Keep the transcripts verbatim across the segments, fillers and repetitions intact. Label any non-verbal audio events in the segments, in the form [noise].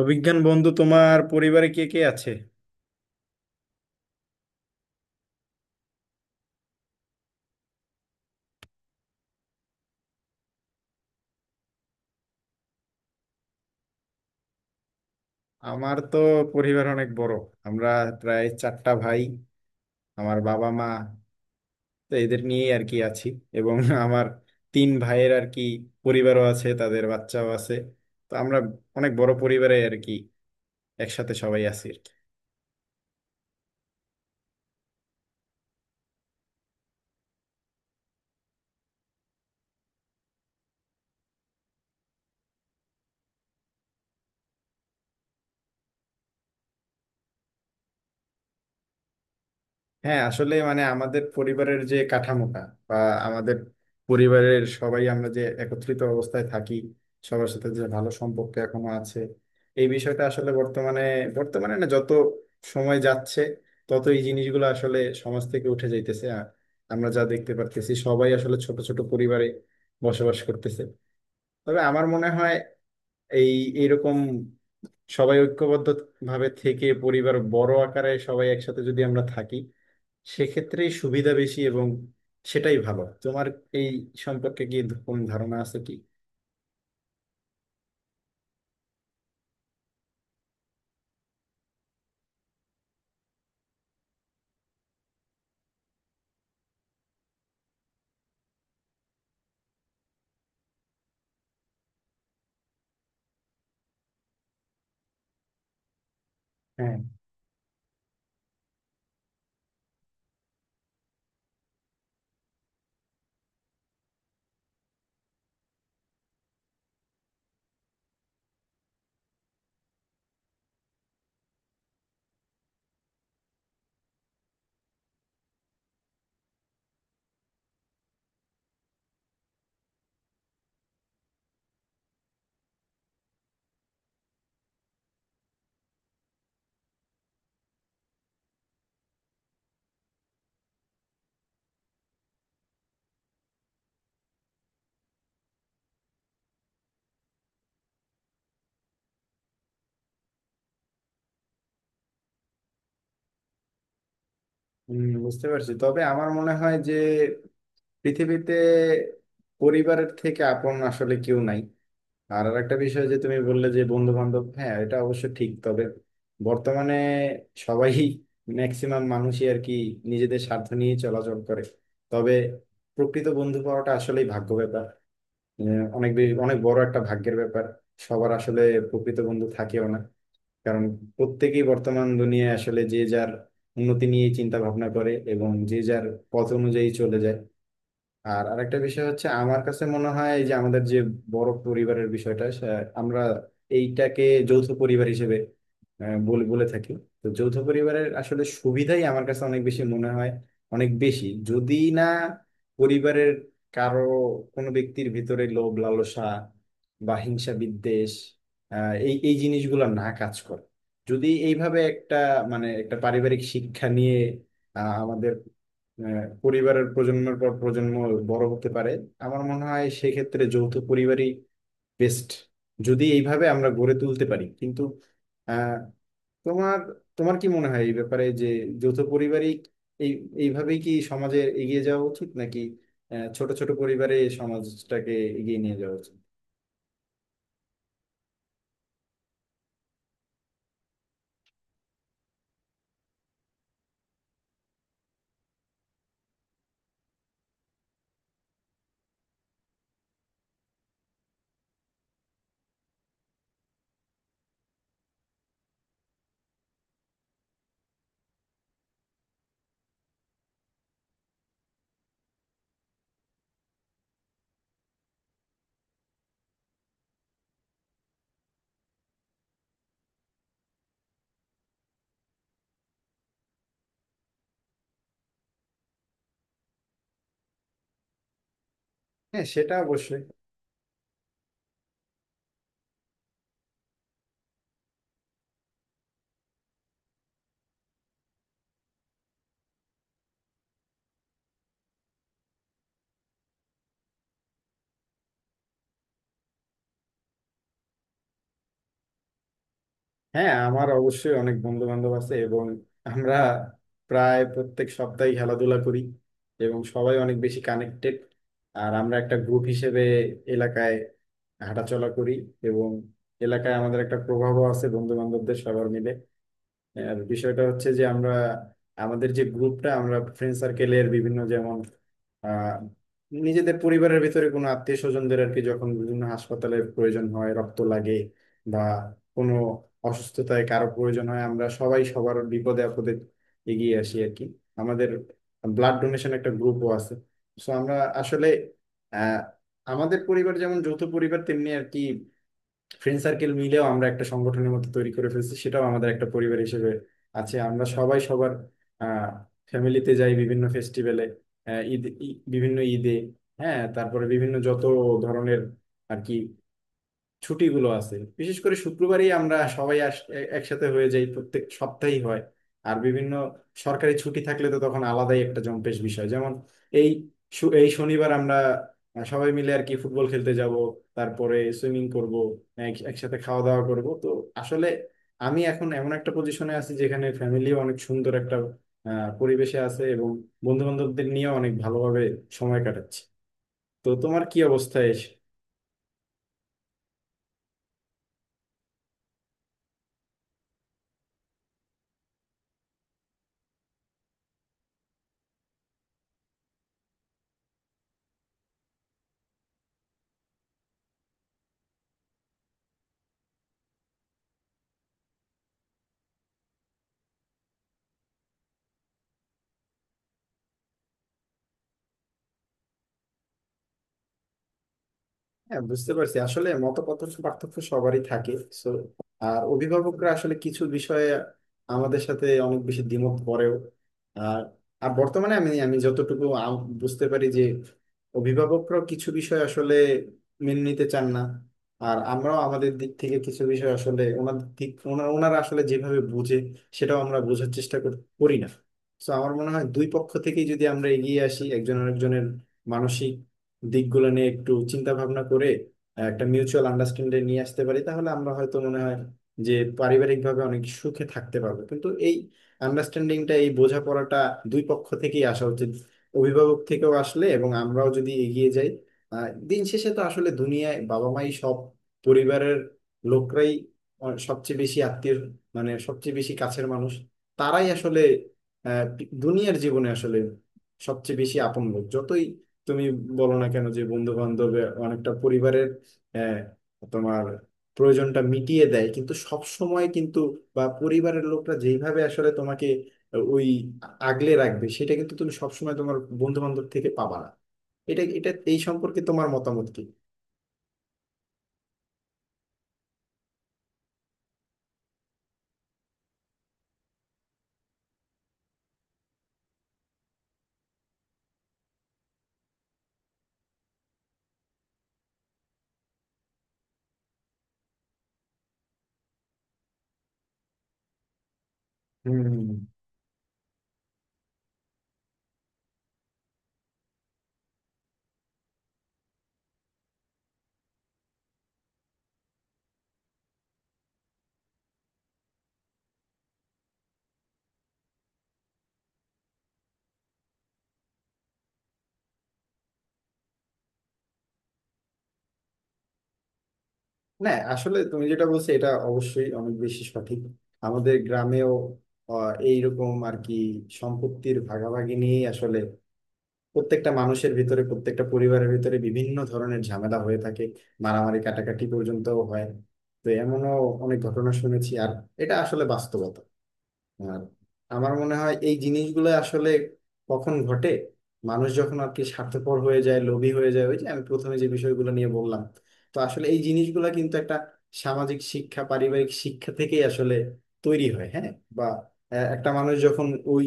অভিজ্ঞান বন্ধু, তোমার পরিবারে কে কে আছে? আমার তো পরিবার অনেক বড়। আমরা প্রায় চারটা ভাই, আমার বাবা মা, তো এদের নিয়েই আর কি আছি। এবং আমার তিন ভাইয়ের আর কি পরিবারও আছে, তাদের বাচ্চাও আছে। তো আমরা অনেক বড় পরিবারে আর কি, একসাথে সবাই আছি। হ্যাঁ আসলে মানে আমাদের পরিবারের যে কাঠামোটা, বা আমাদের পরিবারের সবাই আমরা যে একত্রিত অবস্থায় থাকি, সবার সাথে যে ভালো সম্পর্ক এখনো আছে, এই বিষয়টা আসলে বর্তমানে বর্তমানে না, যত সময় যাচ্ছে তত এই জিনিসগুলো আসলে সমাজ থেকে উঠে যাইতেছে, আর আমরা যা দেখতে পারতেছি সবাই আসলে ছোট ছোট পরিবারে বসবাস করতেছে। তবে আমার মনে হয় এই এইরকম সবাই ঐক্যবদ্ধ ভাবে থেকে পরিবার বড় আকারে সবাই একসাথে যদি আমরা থাকি, সেক্ষেত্রে সুবিধা বেশি, এবং সেটাই ভালো। তোমার এই সম্পর্কে কি কোন ধারণা আছে কি? হ্যাঁ, উম, বুঝতে পারছি, তবে আমার মনে হয় যে পৃথিবীতে পরিবারের থেকে আপন আসলে কেউ নাই। আর আরেকটা বিষয়, যে তুমি বললে যে বন্ধু বান্ধব, হ্যাঁ এটা অবশ্য ঠিক, তবে বর্তমানে সবাই ম্যাক্সিমাম মানুষই আর কি নিজেদের স্বার্থ নিয়ে চলাচল করে। তবে প্রকৃত বন্ধু পাওয়াটা আসলেই ভাগ্য ব্যাপার, যে অনেক বেশি- অনেক বড় একটা ভাগ্যের ব্যাপার। সবার আসলে প্রকৃত বন্ধু থাকেও না, কারণ প্রত্যেকেই বর্তমান দুনিয়ায় আসলে যে যার উন্নতি নিয়ে চিন্তা ভাবনা করে এবং যে যার পথ অনুযায়ী চলে যায়। আর আরেকটা বিষয় হচ্ছে, আমার কাছে মনে হয় এই যে আমাদের যে বড় পরিবারের বিষয়টা, সে- আমরা এইটাকে যৌথ পরিবার হিসেবে আহ, বলে বলে থাকি। তো যৌথ পরিবারের আসলে সুবিধাই আমার কাছে অনেক বেশি মনে হয়, অনেক বেশি, যদি না পরিবারের কারো, কোনো ব্যক্তির ভিতরে লোভ লালসা বা হিংসা বিদ্বেষ, আহ, এই এই জিনিসগুলো না কাজ করে। যদি এইভাবে একটা, মানে একটা পারিবারিক শিক্ষা নিয়ে আহ, আমাদের আহ, পরিবারের প্রজন্মের পর প্রজন্ম বড় হতে পারে, আমার মনে হয় সেক্ষেত্রে যৌথ পরিবারই বেস্ট, যদি এইভাবে আমরা গড়ে তুলতে পারি। কিন্তু আহ, তোমার তোমার কি মনে হয় এই ব্যাপারে, যে যৌথ পরিবারই, এই এইভাবেই কি সমাজে এগিয়ে যাওয়া উচিত, নাকি আহ, ছোট ছোট পরিবারে সমাজটাকে এগিয়ে নিয়ে যাওয়া উচিত? হ্যাঁ, সেটা অবশ্যই। হ্যাঁ, আমার অবশ্যই অনেক বন্ধু বান্ধব আছে, এবং আমরা প্রায় প্রত্যেক সপ্তাহে খেলাধুলা করি, এবং সবাই অনেক বেশি কানেক্টেড। আর আমরা একটা গ্রুপ হিসেবে এলাকায় হাঁটাচলা করি, এবং এলাকায় আমাদের একটা প্রভাবও আছে বন্ধু বান্ধবদের সবার মিলে। আর বিষয়টা হচ্ছে যে আমরা, আমাদের যে গ্রুপটা, আমরা ফ্রেন্ড সার্কেলের বিভিন্ন যেমন আহ নিজেদের পরিবারের ভিতরে কোনো আত্মীয় স্বজনদের আর কি, যখন বিভিন্ন হাসপাতালের প্রয়োজন হয়, রক্ত লাগে বা কোনো অসুস্থতায় কারো প্রয়োজন হয়, আমরা সবাই সবার বিপদে আপদে এগিয়ে আসি আর কি। আমাদের ব্লাড ডোনেশন একটা গ্রুপও আছে। সো আমরা আসলে আহ আমাদের পরিবার যেমন যৌথ পরিবার, তেমনি আর কি ফ্রেন্ড সার্কেল মিলেও আমরা একটা সংগঠনের মতো তৈরি করে ফেলছি, সেটাও আমাদের একটা পরিবার হিসেবে আছে। আমরা সবাই সবার আহ ফ্যামিলিতে যাই বিভিন্ন ফেস্টিভ্যালে, ঈদ ই- বিভিন্ন ঈদে, হ্যাঁ, তারপরে বিভিন্ন যত ধরনের আর কি ছুটিগুলো আছে। বিশেষ করে শুক্রবারই আমরা সবাই আস- এ- একসাথে হয়ে যাই, প্রত্যেক সপ্তাহেই হয়। আর বিভিন্ন সরকারি ছুটি থাকলে তো তখন আলাদাই একটা জম্পেশ বিষয়, যেমন এই শু- এই শনিবার আমরা সবাই মিলে আর কি ফুটবল খেলতে যাব, তারপরে সুইমিং করব, এক- একসাথে খাওয়া দাওয়া করব। তো আসলে আমি এখন এমন একটা পজিশনে আছি যেখানে ফ্যামিলি অনেক সুন্দর একটা আহ, পরিবেশে আছে, এবং বন্ধু বান্ধবদের নিয়ে অনেক ভালোভাবে সময় কাটাচ্ছি। তো তোমার কি অবস্থা? হ্যাঁ, বুঝতে পারছি, আসলে মতপার্থক্য পার্থক্য সবারই থাকে। So, আর অভিভাবকরা আসলে কিছু বিষয়ে আমাদের সাথে অনেক বেশি দ্বিমত করেও, আর আর বর্তমানে আমি আমি যতটুকু আম- বুঝতে পারি যে অভিভাবকরাও কিছু বিষয় আসলে মেনে নিতে চান না, আর আমরাও আমাদের দিক থেকে কিছু বিষয় আসলে ওনাদের দিক ওনা- ওনারা আসলে যেভাবে বুঝে সেটাও আমরা বোঝার চেষ্টা কর- করি না। তো আমার মনে হয় দুই পক্ষ থেকেই যদি আমরা এগিয়ে আসি, একজন আরেকজনের মানসিক দিকগুলো নিয়ে একটু চিন্তা ভাবনা করে একটা মিউচুয়াল আন্ডারস্ট্যান্ডিং নিয়ে আসতে পারি, তাহলে আমরা হয়তো, মনে হয় যে পারিবারিকভাবে অনেক সুখে থাকতে পারবো। কিন্তু এই আন্ডারস্ট্যান্ডিংটা, এই বোঝাপড়াটা দুই পক্ষ থেকেই আসা উচিত, অভিভাবক থেকেও আসলে, এবং আমরাও যদি এগিয়ে যাই। আহ, দিন শেষে তো আসলে দুনিয়ায় বাবা মাই সব, পরিবারের লোকরাই অ- সবচেয়ে বেশি আত্মীয়, মানে সবচেয়ে বেশি কাছের মানুষ, তারাই আসলে আহ, দুনিয়ার জীবনে আসলে সবচেয়ে বেশি আপন লোক। যতই তুমি বলো না কেন যে বন্ধু বান্ধবে অনেকটা পরিবারের আহ, তোমার প্রয়োজনটা মিটিয়ে দেয়, কিন্তু সব সময় কিন্তু, বা পরিবারের লোকরা যেইভাবে আসলে তোমাকে ওই আগলে রাখবে, সেটা কিন্তু তুমি সবসময় তোমার বন্ধু বান্ধব থেকে পাবা না। এটা এটা এই সম্পর্কে তোমার মতামত কি? হুম হুম, হুম। না আসলে তুমি যেটা বলছো, এটা অবশ্যই অনেক বেশি সঠিক। আমাদের গ্রামেও আহ, এইরকম আর কি সম্পত্তির ভাগাভাগি নিয়ে আসলে প্রত্যেকটা মানুষের ভিতরে, প্রত্যেকটা পরিবারের ভিতরে বিভিন্ন ধরনের ঝামেলা হয়ে থাকে, মারামারি কাটাকাটি পর্যন্তও হয়। তো এমনও অনেক ঘটনা শুনেছি, আর এটা আসলে বাস্তবতা। আর আমার মনে হয় এই জিনিসগুলো আসলে কখন ঘটে, মানুষ যখন আর কি স্বার্থপর হয়ে যায়, লোভী হয়ে যায়, ওই যে আমি প্রথমে যে বিষয়গুলো নিয়ে বললাম। তো আসলে এই জিনিসগুলো কিন্তু একটা সামাজিক শিক্ষা, পারিবারিক শিক্ষা থেকেই আসলে তৈরি হয়, হ্যাঁ, বা আহ, একটা মানুষ যখন ওই,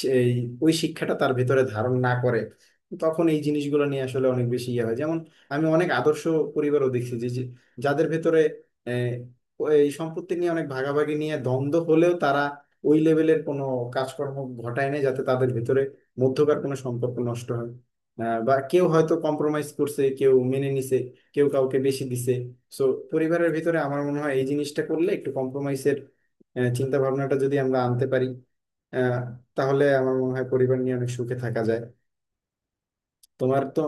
সেই ওই শিক্ষাটা তার ভেতরে ধারণ না করে, তখন এই জিনিসগুলো নিয়ে আসলে অনেক বেশি ইয়ে হয়। যেমন আমি অনেক আদর্শ পরিবারও দেখছি, যে যে- যাদের ভেতরে আহ, এই সম্পত্তি নিয়ে অনেক ভাগাভাগি নিয়ে দ্বন্দ্ব হলেও, তারা ওই লেভেলের কোনো কাজকর্ম ঘটায় না যাতে তাদের ভিতরে মধ্যকার কোনো সম্পর্ক নষ্ট হয়, আহ, বা কেউ হয়তো কম্প্রোমাইজ করছে, কেউ মেনে নিছে, কেউ কাউকে বেশি দিছে। সো পরিবারের ভিতরে আমার মনে হয় এই জিনিসটা করলে, একটু কম্প্রোমাইজের চিন্তা ভাবনাটা যদি আমরা আনতে পারি, আহ, তাহলে আমার মনে হয় পরিবার নিয়ে অনেক সুখে থাকা যায়। তোমার তো?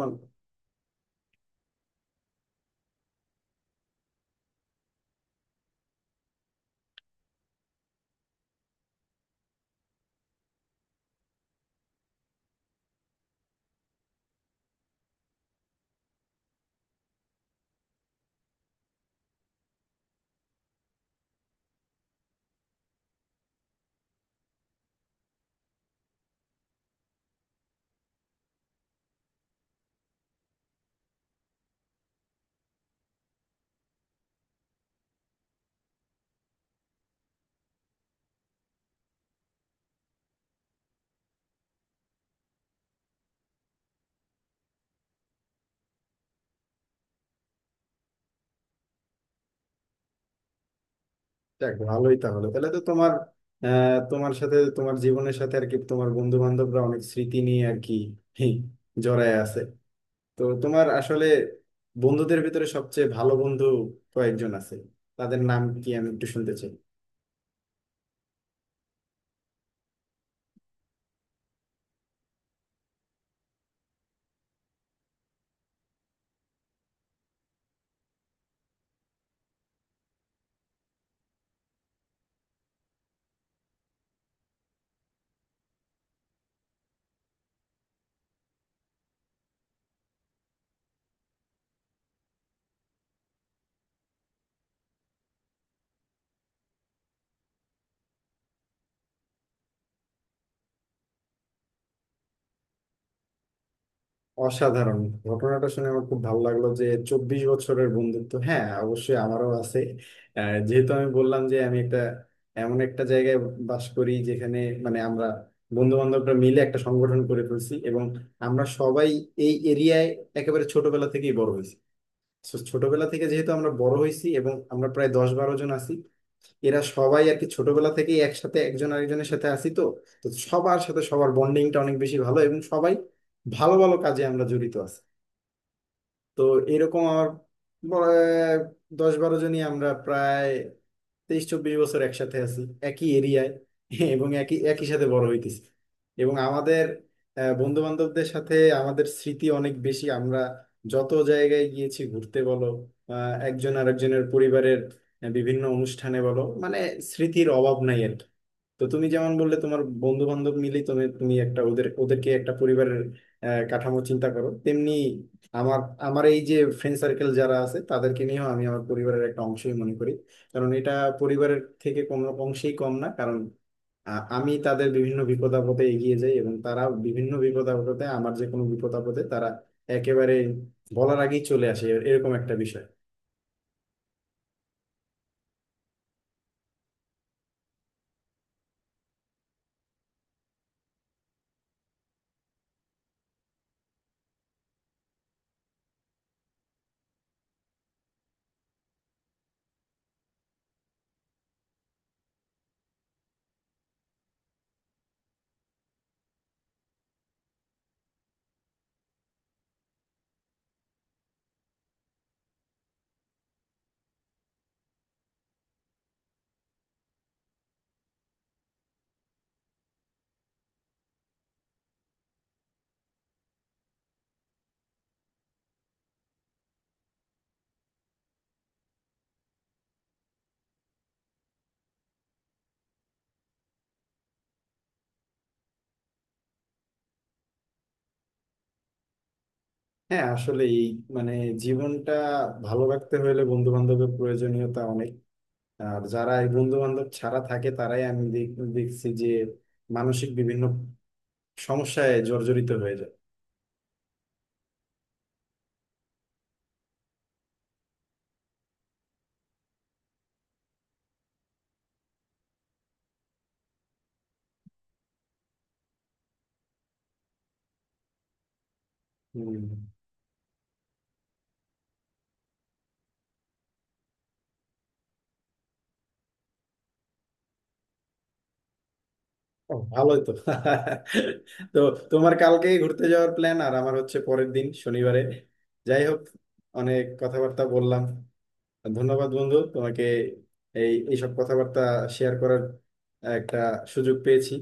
যাক, ভালোই তাহলে। তাহলে তো তোমার, আহ, তোমার সাথে, তোমার জীবনের সাথে আর কি তোমার বন্ধু বান্ধবরা অনেক স্মৃতি নিয়ে আর কি হি, জড়ায় আছে। তো তোমার আসলে বন্ধুদের ভিতরে সবচেয়ে ভালো বন্ধু কয়েকজন আছে, তাদের নাম কি আমি একটু শুনতে চাই। অসাধারণ, ঘটনাটা শুনে আমার খুব ভালো লাগলো যে চব্বিশ বছরের বন্ধুত্ব। হ্যাঁ, অবশ্যই আমারও আছে। আহ, যেহেতু আমি বললাম যে আমি একটা এমন একটা জায়গায় বাস করি যেখানে, মানে আমরা বন্ধু বান্ধবরা মিলে একটা সংগঠন করে ফেলছি, এবং আমরা সবাই এই এরিয়ায় একেবারে ছোটবেলা থেকেই বড় হয়েছি। So, ছোটবেলা থেকে যেহেতু আমরা বড় হয়েছি এবং আমরা প্রায় দশ বারো জন আছি, এরা সবাই আর কি ছোটবেলা থেকেই একসাথে একজন আরেকজনের সাথে আসি তো। তো সবার সাথে সবার বন্ডিংটা অনেক বেশি ভালো, এবং সবাই ভালো ভালো কাজে আমরা জড়িত আছি। তো এরকম আমার বলা- দশ বারো জনই আমরা প্রায় তেইশ চব্বিশ বছর একসাথে আছি, একই এরিয়ায়, এবং একই একই সাথে বড় হইতেছি। এবং আমাদের বন্ধু বান্ধবদের সাথে আমাদের স্মৃতি অনেক বেশি। আমরা যত জায়গায় গিয়েছি ঘুরতে বলো, আহ, একজন আরেকজনের পরিবারের আহ, বিভিন্ন অনুষ্ঠানে বলো, মানে স্মৃতির অভাব নাই আর কি। তো তুমি যেমন বললে, তোমার বন্ধু বান্ধব মিলেই তুমি, তুমি একটা ওদের ওদেরকে একটা পরিবারের আহ, কাঠামো চিন্তা করো, তেমনি আমার, আমার এই যে ফ্রেন্ড সার্কেল যারা আছে তাদেরকে নিয়েও আমি আমার পরিবারের একটা অংশই মনে করি, কারণ এটা পরিবারের থেকে কোনো অংশেই কম না। কারণ আহ, আমি তাদের বিভিন্ন বিপদ আপদে এগিয়ে যাই, এবং তারা বিভিন্ন বিপদ আপদে, আমার যে কোনো বিপদ আপদে তারা একেবারে বলার আগেই চলে আসে, এ- এরকম একটা বিষয়। হ্যাঁ আসলে এই, মানে জীবনটা ভালো রাখতে হলে বন্ধু বান্ধবের প্রয়োজনীয়তা অনেক। আর যারা এই বন্ধু বান্ধব ছাড়া থাকে, তারাই আমি দেখ- দেখছি যে মানসিক বিভিন্ন সমস্যায় জর্জরিত হয়ে যায়। হম। ও, ভালোই তো। [laughs] তো তোমার কালকে ঘুরতে যাওয়ার প্ল্যান, আর আমার হচ্ছে পরের দিন শনিবারে। যাই হোক, অনেক কথাবার্তা বললাম। ধন্যবাদ বন্ধু তোমাকে, এই এইসব কথাবার্তা শেয়ার করার একটা সুযোগ পেয়েছি।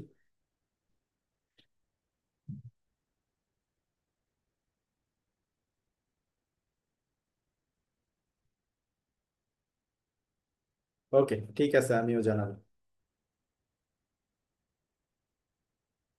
ওকে, ঠিক আছে, আমিও জানাবো।